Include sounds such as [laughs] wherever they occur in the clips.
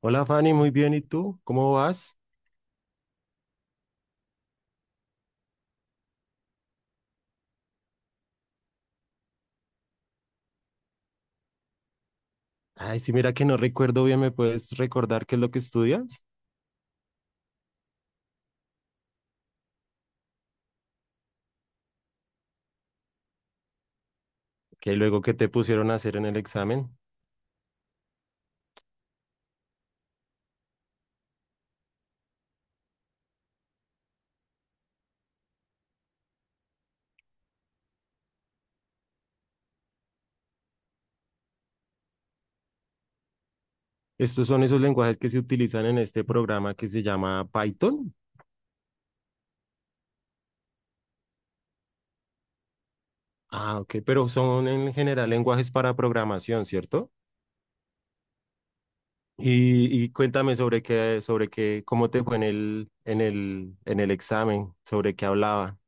Hola Fanny, muy bien. ¿Y tú? ¿Cómo vas? Ay, sí, mira que no recuerdo bien, ¿me puedes recordar qué es lo que estudias? Que luego que te pusieron a hacer en el examen. Estos son esos lenguajes que se utilizan en este programa que se llama Python. Ah, ok, pero son en general lenguajes para programación, ¿cierto? Y cuéntame cómo te fue en el examen, sobre qué hablaba.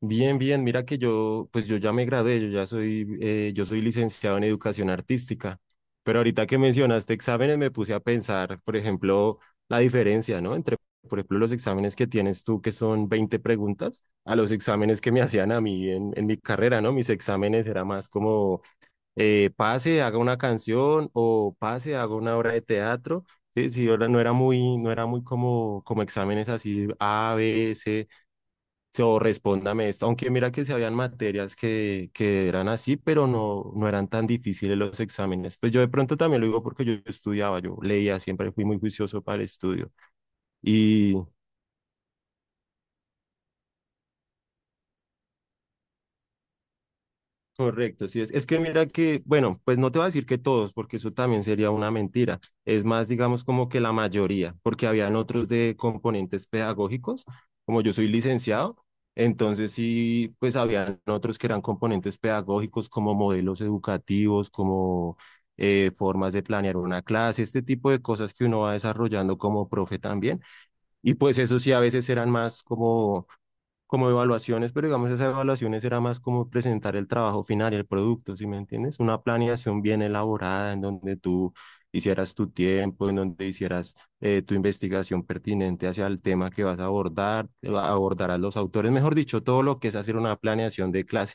Bien, bien, mira que yo, pues yo ya me gradué, yo soy licenciado en educación artística, pero ahorita que mencionaste exámenes me puse a pensar, por ejemplo, la diferencia, ¿no? Entre, por ejemplo, los exámenes que tienes tú, que son 20 preguntas, a los exámenes que me hacían a mí en mi carrera, ¿no? Mis exámenes era más como pase, haga una canción o pase, haga una obra de teatro. Sí, sí, ahora no era muy como exámenes así A, B, C o respóndame esto, aunque mira que se habían materias que eran así, pero no, no eran tan difíciles los exámenes. Pues yo de pronto también lo digo porque yo estudiaba, yo leía, siempre fui muy juicioso para el estudio. Y Correcto, sí es. Es que mira que, bueno, pues no te voy a decir que todos, porque eso también sería una mentira. Es más, digamos, como que la mayoría, porque habían otros de componentes pedagógicos, como yo soy licenciado, entonces sí, pues habían otros que eran componentes pedagógicos como modelos educativos, como formas de planear una clase, este tipo de cosas que uno va desarrollando como profe también. Y pues eso sí, a veces eran más como evaluaciones, pero digamos esas evaluaciones era más como presentar el trabajo final y el producto, ¿sí me entiendes? Una planeación bien elaborada en donde tú hicieras tu tiempo, en donde hicieras tu investigación pertinente hacia el tema que vas a abordar, abordarás los autores, mejor dicho, todo lo que es hacer una planeación de clase.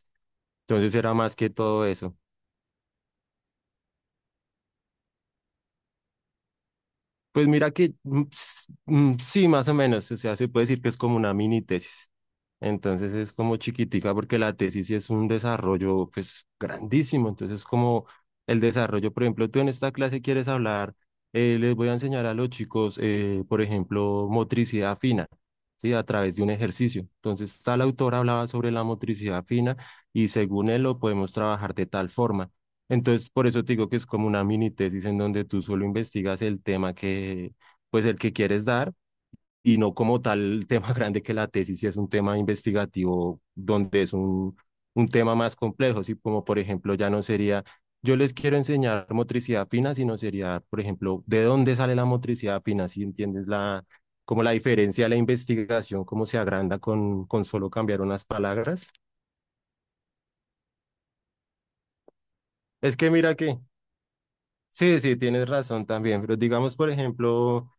Entonces era más que todo eso. Pues mira que sí, más o menos, o sea, se puede decir que es como una mini tesis. Entonces es como chiquitica porque la tesis sí es un desarrollo pues grandísimo. Entonces como el desarrollo, por ejemplo, tú en esta clase quieres hablar, les voy a enseñar a los chicos, por ejemplo, motricidad fina, ¿sí? A través de un ejercicio. Entonces tal autor hablaba sobre la motricidad fina y según él lo podemos trabajar de tal forma. Entonces, por eso te digo que es como una mini tesis en donde tú solo investigas el tema que, pues el que quieres dar y no como tal [laughs] el tema grande que la tesis, si es un tema investigativo donde es un tema más complejo, si como por ejemplo ya no sería, yo les quiero enseñar motricidad fina, sino sería, por ejemplo, de dónde sale la motricidad fina, si entiendes la, como la diferencia de la investigación, cómo se agranda con solo cambiar unas palabras. Es que mira que Sí, sí, tienes razón también, pero digamos, por ejemplo,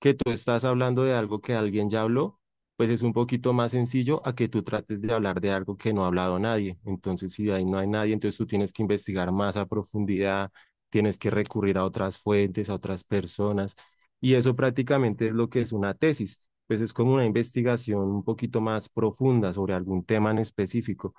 que tú estás hablando de algo que alguien ya habló, pues es un poquito más sencillo a que tú trates de hablar de algo que no ha hablado nadie. Entonces, si ahí no hay nadie, entonces tú tienes que investigar más a profundidad, tienes que recurrir a otras fuentes, a otras personas, y eso prácticamente es lo que es una tesis, pues es como una investigación un poquito más profunda sobre algún tema en específico.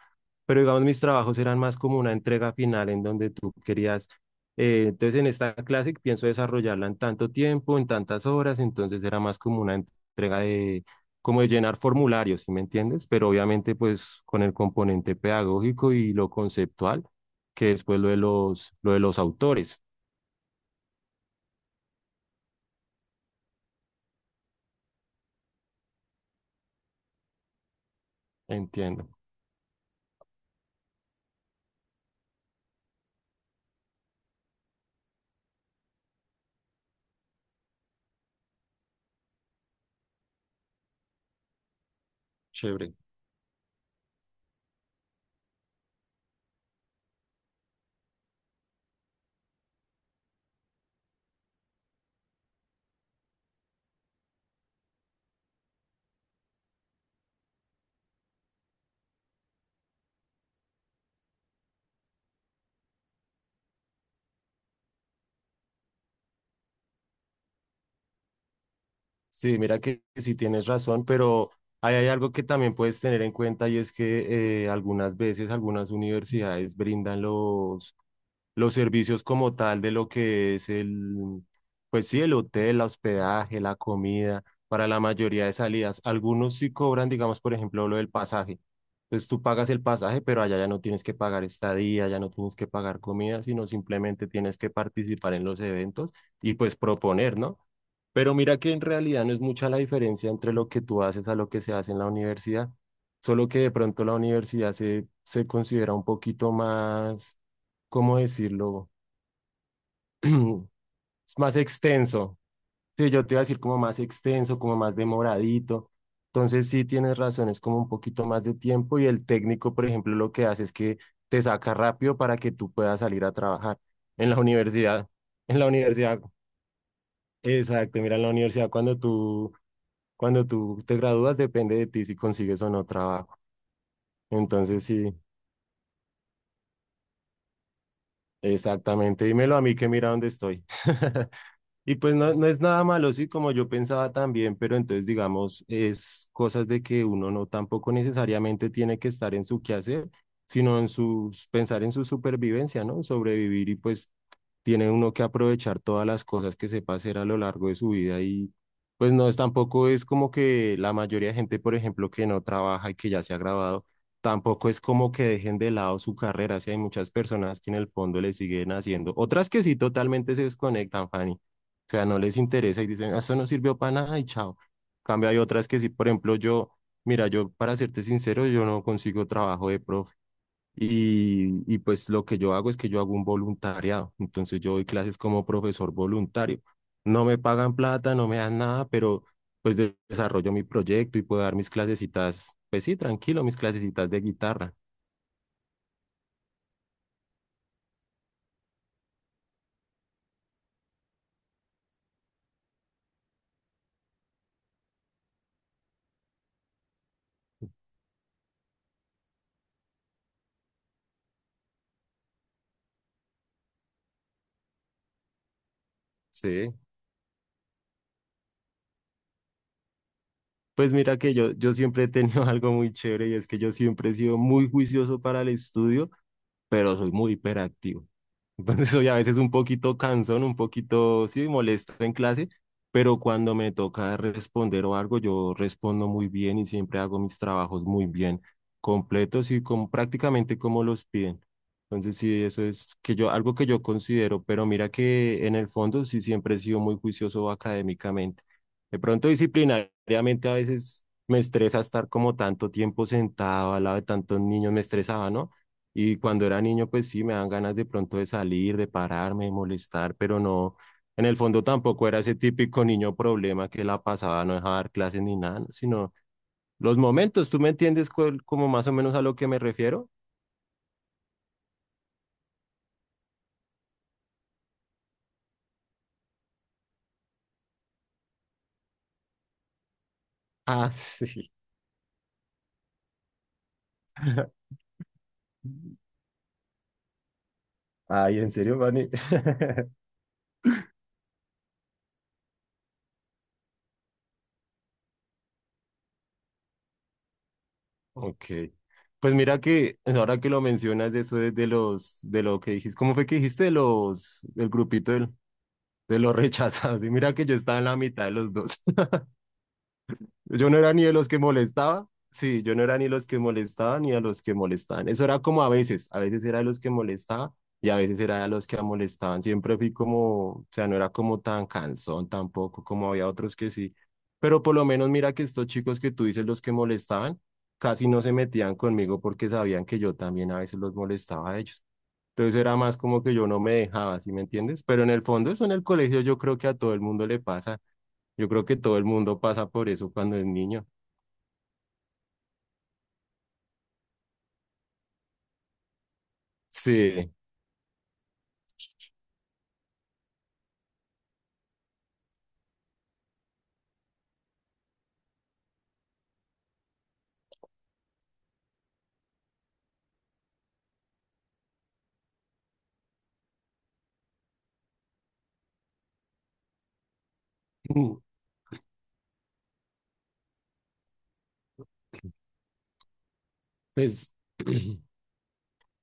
Pero digamos, mis trabajos eran más como una entrega final en donde tú querías entonces en esta clase pienso desarrollarla en tanto tiempo, en tantas horas, entonces era más como una entrega de, como de llenar formularios, ¿sí me entiendes? Pero obviamente pues con el componente pedagógico y lo conceptual, que después lo de los autores, entiendo. Chévere. Sí, mira que sí tienes razón, pero ahí hay algo que también puedes tener en cuenta y es que algunas veces algunas universidades brindan los servicios como tal de lo que es el, pues sí, el hotel, el hospedaje, la comida, para la mayoría de salidas. Algunos sí cobran, digamos, por ejemplo, lo del pasaje. Entonces tú pagas el pasaje, pero allá ya no tienes que pagar estadía, ya no tienes que pagar comida, sino simplemente tienes que participar en los eventos y pues proponer, ¿no? Pero mira que en realidad no es mucha la diferencia entre lo que tú haces a lo que se hace en la universidad, solo que de pronto la universidad se considera un poquito más, ¿cómo decirlo? [clears throat] Es más extenso. Sí, yo te iba a decir como más extenso, como más demoradito. Entonces sí tienes razón, es como un poquito más de tiempo y el técnico, por ejemplo, lo que hace es que te saca rápido para que tú puedas salir a trabajar en la universidad. En la universidad, exacto, mira, en la universidad cuando tú te gradúas depende de ti si consigues o no trabajo. Entonces, sí, exactamente. Dímelo a mí que mira dónde estoy. [laughs] Y pues no, no es nada malo, sí, como yo pensaba también, pero entonces digamos, es cosas de que uno no tampoco necesariamente tiene que estar en su quehacer, sino en sus, pensar en su supervivencia, ¿no? Sobrevivir y pues tiene uno que aprovechar todas las cosas que sepa hacer a lo largo de su vida y pues no es tampoco es como que la mayoría de gente, por ejemplo, que no trabaja y que ya se ha graduado, tampoco es como que dejen de lado su carrera, si hay muchas personas que en el fondo le siguen haciendo, otras que sí totalmente se desconectan, Fanny, o sea, no les interesa y dicen, "Ah, esto no sirvió para nada y chao. Cambio", hay otras que sí, por ejemplo, yo, mira, yo para serte sincero, yo no consigo trabajo de profe. Y pues lo que yo hago es que yo hago un voluntariado. Entonces yo doy clases como profesor voluntario. No me pagan plata, no me dan nada, pero pues desarrollo mi proyecto y puedo dar mis clasecitas, pues sí, tranquilo, mis clasecitas de guitarra. Sí. Pues mira que yo siempre he tenido [laughs] algo muy chévere y es que yo siempre he sido muy juicioso para el estudio, pero soy muy hiperactivo. [laughs] Entonces soy a veces un poquito cansón, un poquito, sí, molesto en clase, pero cuando me toca responder o algo, yo respondo muy bien y siempre hago mis trabajos muy bien, completos y con prácticamente como los piden. Entonces sí, eso es que yo, algo que yo considero, pero mira que en el fondo sí siempre he sido muy juicioso académicamente. De pronto disciplinariamente a veces me estresa estar como tanto tiempo sentado al lado de tantos niños, me estresaba, ¿no? Y cuando era niño, pues sí, me dan ganas de pronto de salir, de pararme, de molestar, pero no, en el fondo tampoco era ese típico niño problema que la pasaba, no dejaba dar clases ni nada, sino los momentos, ¿tú me entiendes como más o menos a lo que me refiero? Ah, sí. [laughs] Ay, ¿en serio, Fanny? [laughs] Ok. Pues mira que pues ahora que lo mencionas de eso de los de lo que dijiste, ¿cómo fue que dijiste de los del grupito de los [laughs] rechazados? Y mira que yo estaba en la mitad de los dos. Yo no era ni de los que molestaba. Sí, yo no era ni los que molestaban ni a los que molestaban. Eso era como a veces era de los que molestaba y a veces era de los que molestaban. Siempre fui como, o sea, no era como tan cansón tampoco, como había otros que sí. Pero por lo menos mira que estos chicos que tú dices los que molestaban, casi no se metían conmigo porque sabían que yo también a veces los molestaba a ellos. Entonces era más como que yo no me dejaba, ¿sí me entiendes? Pero en el fondo eso en el colegio yo creo que a todo el mundo le pasa. Yo creo que todo el mundo pasa por eso cuando es niño. Sí. Pues [clears throat]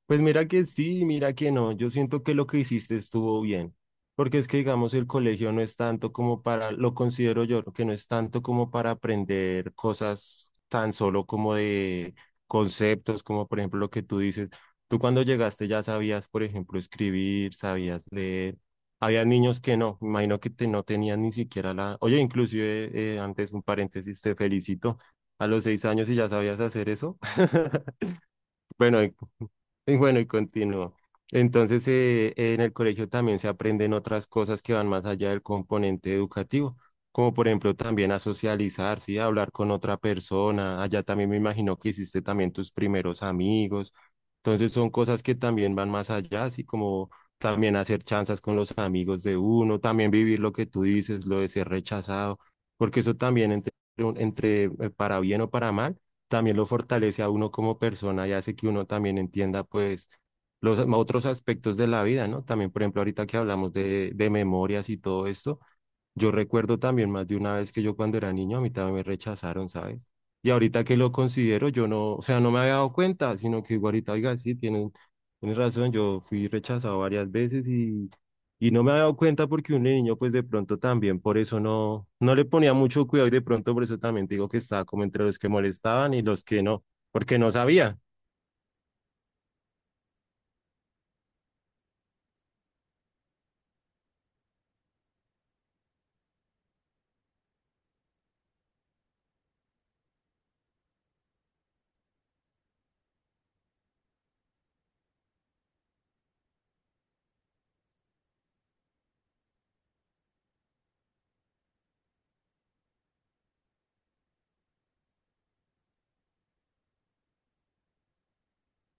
pues mira que sí, mira que no. Yo siento que lo que hiciste estuvo bien, porque es que digamos el colegio no es tanto como para, lo considero yo, que no es tanto como para aprender cosas tan solo como de conceptos, como por ejemplo lo que tú dices. Tú cuando llegaste ya sabías, por ejemplo, escribir, sabías leer. Había niños que no, me imagino que te, no tenían ni siquiera la... Oye, inclusive antes un paréntesis, te felicito. A los 6 años y ya sabías hacer eso. [laughs] Bueno, y bueno, y continúo. Entonces, en el colegio también se aprenden otras cosas que van más allá del componente educativo, como por ejemplo también a socializar, ¿sí? A hablar con otra persona. Allá también me imagino que hiciste también tus primeros amigos. Entonces, son cosas que también van más allá, así como también hacer chanzas con los amigos de uno, también vivir lo que tú dices, lo de ser rechazado, porque eso también entre para bien o para mal también lo fortalece a uno como persona y hace que uno también entienda pues los otros aspectos de la vida, ¿no? También, por ejemplo, ahorita que hablamos de memorias y todo esto, yo recuerdo también más de una vez que yo cuando era niño a mí también me rechazaron, ¿sabes? Y ahorita que lo considero, yo no, o sea, no me había dado cuenta, sino que digo ahorita, oiga, sí, tienen razón, yo fui rechazado varias veces y no me había dado cuenta porque un niño, pues de pronto también, por eso no le ponía mucho cuidado y de pronto por eso también te digo que estaba como entre los que molestaban y los que no, porque no sabía.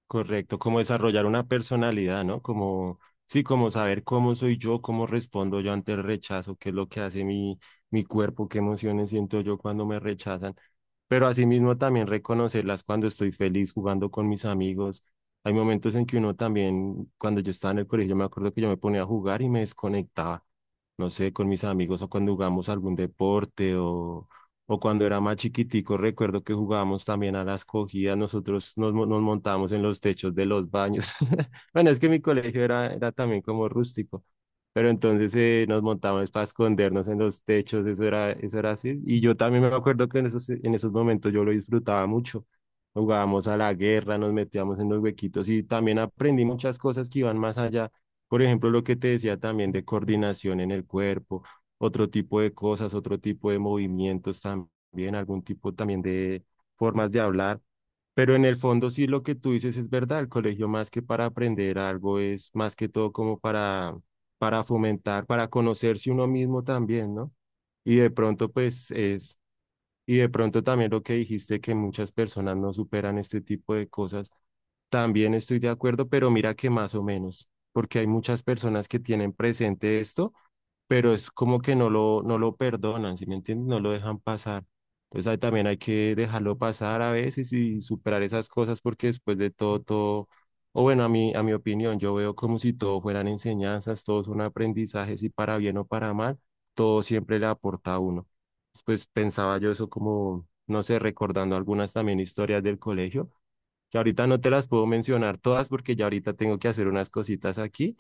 Correcto, como desarrollar una personalidad, ¿no? Como, sí, como saber cómo soy yo, cómo respondo yo ante el rechazo, qué es lo que hace mi, mi cuerpo, qué emociones siento yo cuando me rechazan. Pero asimismo también reconocerlas cuando estoy feliz jugando con mis amigos. Hay momentos en que uno también, cuando yo estaba en el colegio, me acuerdo que yo me ponía a jugar y me desconectaba, no sé, con mis amigos o cuando jugamos algún deporte o cuando era más chiquitico, recuerdo que jugábamos también a las cogidas, nosotros nos montábamos en los techos de los baños. [laughs] Bueno, es que mi colegio era también como rústico, pero entonces nos montábamos para escondernos en los techos, eso era así. Y yo también me acuerdo que en esos momentos yo lo disfrutaba mucho. Jugábamos a la guerra, nos metíamos en los huequitos y también aprendí muchas cosas que iban más allá. Por ejemplo, lo que te decía también de coordinación en el cuerpo, otro tipo de cosas, otro tipo de movimientos también, algún tipo también de formas de hablar. Pero en el fondo sí lo que tú dices es verdad, el colegio más que para aprender algo es más que todo como para fomentar, para conocerse uno mismo también, ¿no? Y de pronto pues es, y de pronto también lo que dijiste que muchas personas no superan este tipo de cosas, también estoy de acuerdo, pero mira que más o menos, porque hay muchas personas que tienen presente esto, pero es como que no lo perdonan, ¿sí me entiendes? No lo dejan pasar. Entonces ahí también hay que dejarlo pasar a veces y superar esas cosas porque después de todo, o bueno, a mí, a mi opinión, yo veo como si todo fueran enseñanzas, todos son aprendizajes y para bien o para mal, todo siempre le aporta a uno. Pues pensaba yo eso como, no sé, recordando algunas también historias del colegio, que ahorita no te las puedo mencionar todas porque ya ahorita tengo que hacer unas cositas aquí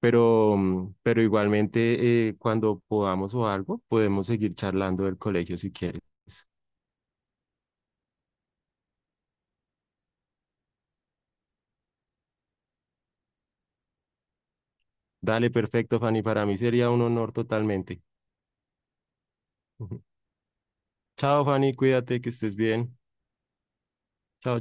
pero, pero igualmente, cuando podamos o algo, podemos seguir charlando del colegio si quieres. Dale, perfecto, Fanny. Para mí sería un honor totalmente. [laughs] Chao, Fanny. Cuídate, que estés bien. Chao.